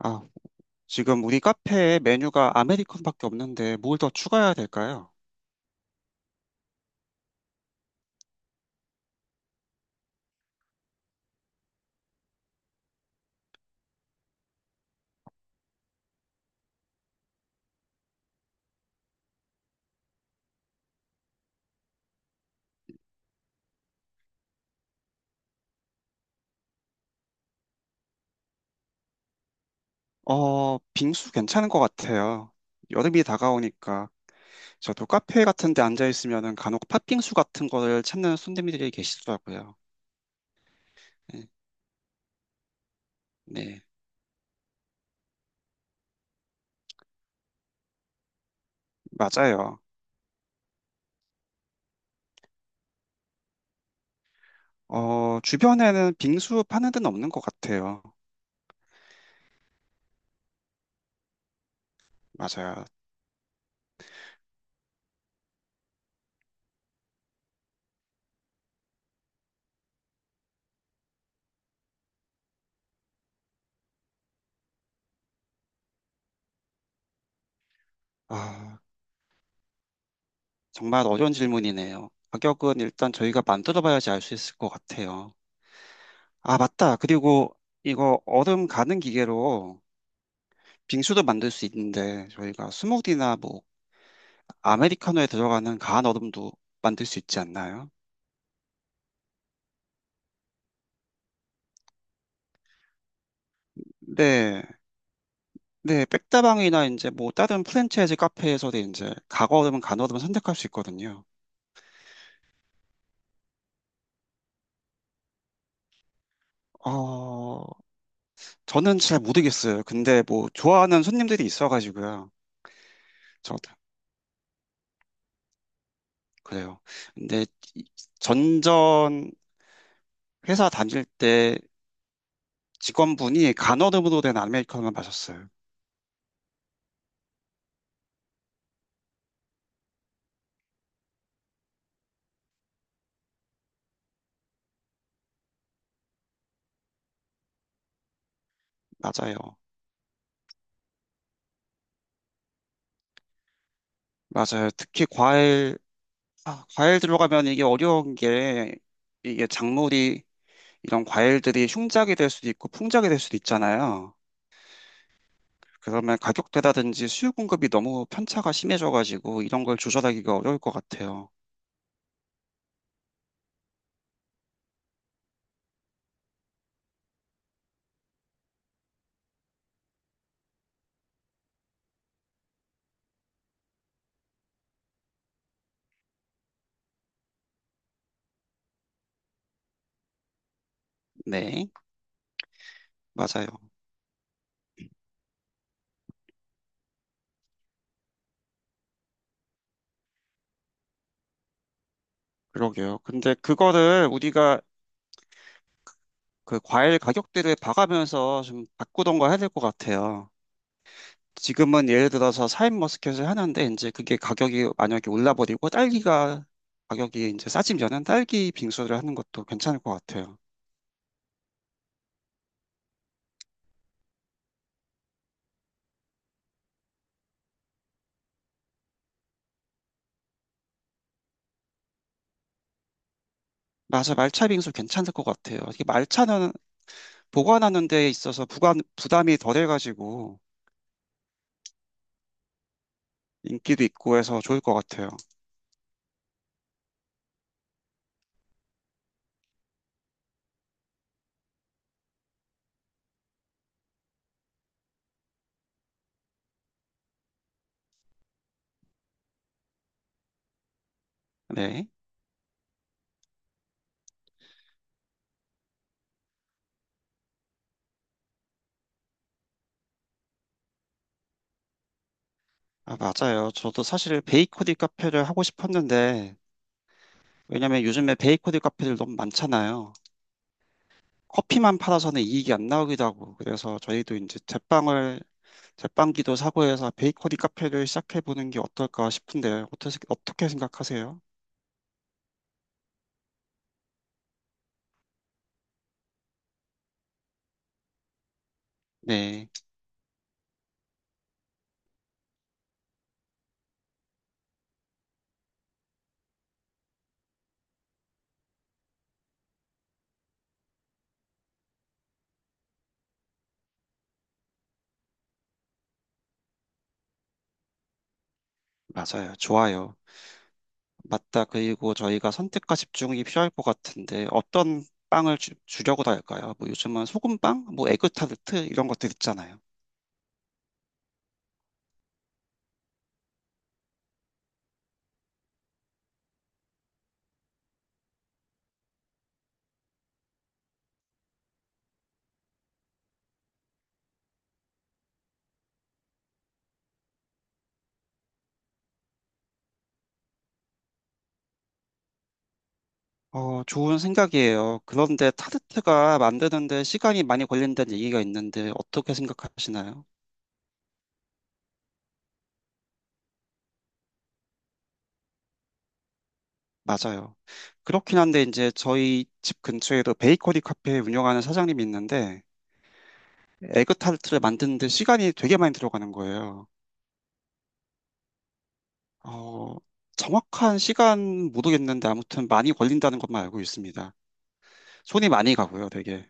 아, 지금 우리 카페에 메뉴가 아메리칸밖에 없는데 뭘 더 추가해야 될까요? 어, 빙수 괜찮은 것 같아요. 여름이 다가오니까 저도 카페 같은 데 앉아 있으면은 간혹 팥빙수 같은 거를 찾는 손님들이 계시더라고요. 네, 네, 맞아요. 어, 주변에는 빙수 파는 데는 없는 것 같아요. 맞아요. 아, 정말 어려운 질문이네요. 가격은 일단 저희가 만들어봐야지 알 수 있을 것 같아요. 아, 맞다. 그리고 이거 얼음 가는 기계로 빙수도 만들 수 있는데 저희가 스무디나 뭐 아메리카노에 들어가는 가한 얼음도 만들 수 있지 않나요? 네, 네, 백다방이나 이제 뭐 다른 프랜차이즈 카페에서도 이제 가거얼음은 간얼음을 선택할 수 있거든요. 어, 저는 잘 모르겠어요. 근데 뭐 좋아하는 손님들이 있어가지고요. 저 그래요. 근데 이- 전전 회사 다닐 때 직원분이 간얼음으로 된 아메리카노만 마셨어요. 맞아요. 맞아요. 특히 과일. 아, 과일 들어가면 이게 어려운 게, 이게 작물이 이런 과일들이 흉작이 될 수도 있고 풍작이 될 수도 있잖아요. 그러면 가격대라든지 수요 공급이 너무 편차가 심해져가지고 이런 걸 조절하기가 어려울 것 같아요. 네, 맞아요. 그러게요. 근데 그거를 우리가 그 과일 가격대를 봐가면서 좀 바꾸던가 해야 될 것 같아요. 지금은 예를 들어서 사인 머스켓을 하는데 이제 그게 가격이 만약에 올라버리고 딸기가 가격이 이제 싸지면은 딸기 빙수를 하는 것도 괜찮을 것 같아요. 맞아, 말차 빙수 괜찮을 것 같아요. 이게 말차는 보관하는 데 있어서 부관, 부담이 덜해가지고 인기도 있고 해서 좋을 것 같아요. 네. 아, 맞아요. 저도 사실 베이커리 카페를 하고 싶었는데, 왜냐면 요즘에 베이커리 카페들 너무 많잖아요. 커피만 팔아서는 이익이 안 나오기도 하고 그래서 저희도 이제 제빵을, 제빵기도 사고해서 베이커리 카페를 시작해보는 게 어떨까 싶은데 어떻게, 어떻게 생각하세요? 네, 맞아요. 좋아요. 맞다. 그리고 저희가 선택과 집중이 필요할 것 같은데 어떤 빵을 주려고 할까요? 뭐 요즘은 소금빵, 뭐 에그타르트 이런 것들 있잖아요. 어, 좋은 생각이에요. 그런데 타르트가 만드는데 시간이 많이 걸린다는 얘기가 있는데 어떻게 생각하시나요? 맞아요. 그렇긴 한데 이제 저희 집 근처에도 베이커리 카페 운영하는 사장님이 있는데 에그 타르트를 만드는데 시간이 되게 많이 들어가는 거예요. 어, 정확한 시간 모르겠는데 아무튼 많이 걸린다는 것만 알고 있습니다. 손이 많이 가고요, 되게.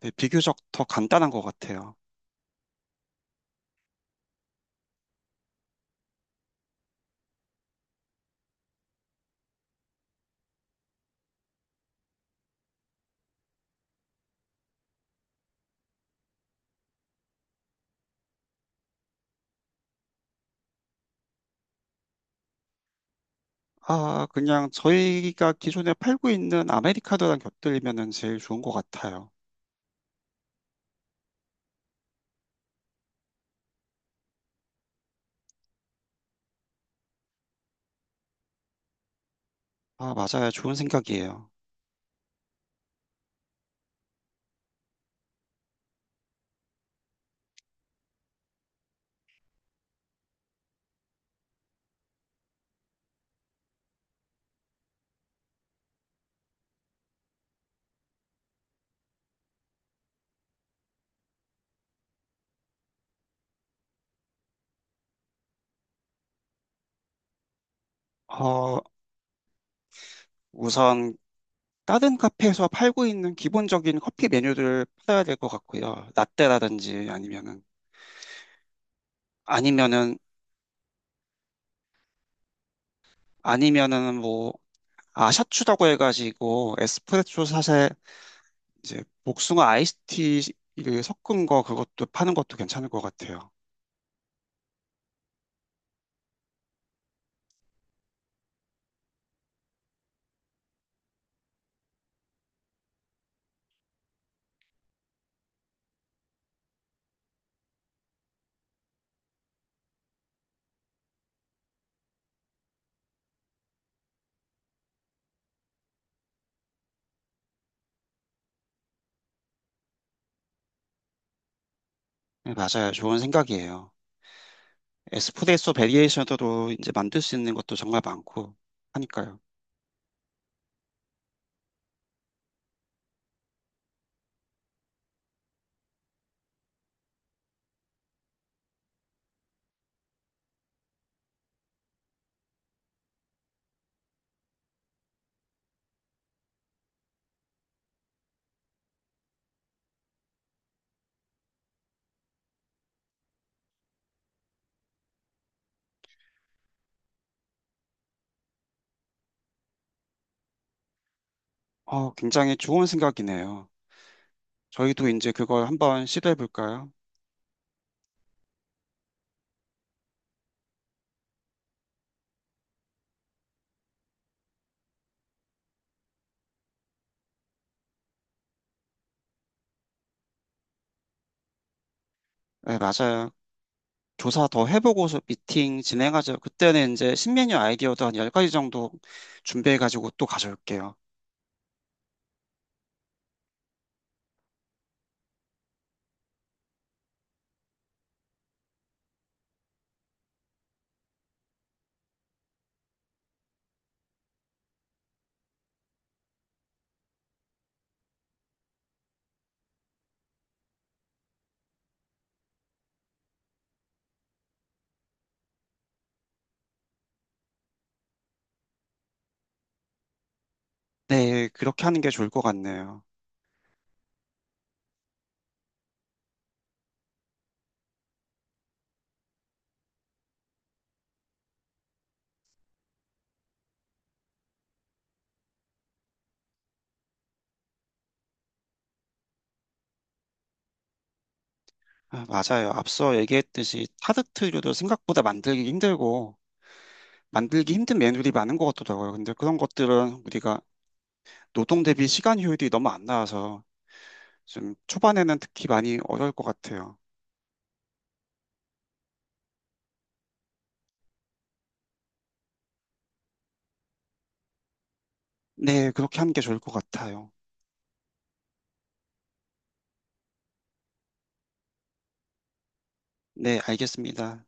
네, 비교적 더 간단한 것 같아요. 아, 그냥 저희가 기존에 팔고 있는 아메리카노랑 곁들이면은 제일 좋은 것 같아요. 아, 맞아요. 좋은 생각이에요. 어, 우선 다른 카페에서 팔고 있는 기본적인 커피 메뉴들을 팔아야 될 것 같고요. 라떼라든지 아니면은 아니면은 뭐, 아, 샤추라고 해가지고 에스프레소 샷에 이제 복숭아 아이스티를 섞은 거, 그것도 파는 것도 괜찮을 것 같아요. 네, 맞아요. 좋은 생각이에요. 에스프레소 베리에이션으로 이제 만들 수 있는 것도 정말 많고 하니까요. 어, 굉장히 좋은 생각이네요. 저희도 이제 그걸 한번 시도해 볼까요? 네, 맞아요. 조사 더 해보고서 미팅 진행하죠. 그때는 이제 신메뉴 아이디어도 한 10가지 정도 준비해가지고 또 가져올게요. 네, 그렇게 하는 게 좋을 것 같네요. 아, 맞아요. 앞서 얘기했듯이 타르트류도 생각보다 만들기 힘들고 만들기 힘든 메뉴들이 많은 것 같더라고요. 근데 그런 것들은 우리가 노동 대비 시간 효율이 너무 안 나와서 좀 초반에는 특히 많이 어려울 것 같아요. 네, 그렇게 하는 게 좋을 것 같아요. 네, 알겠습니다.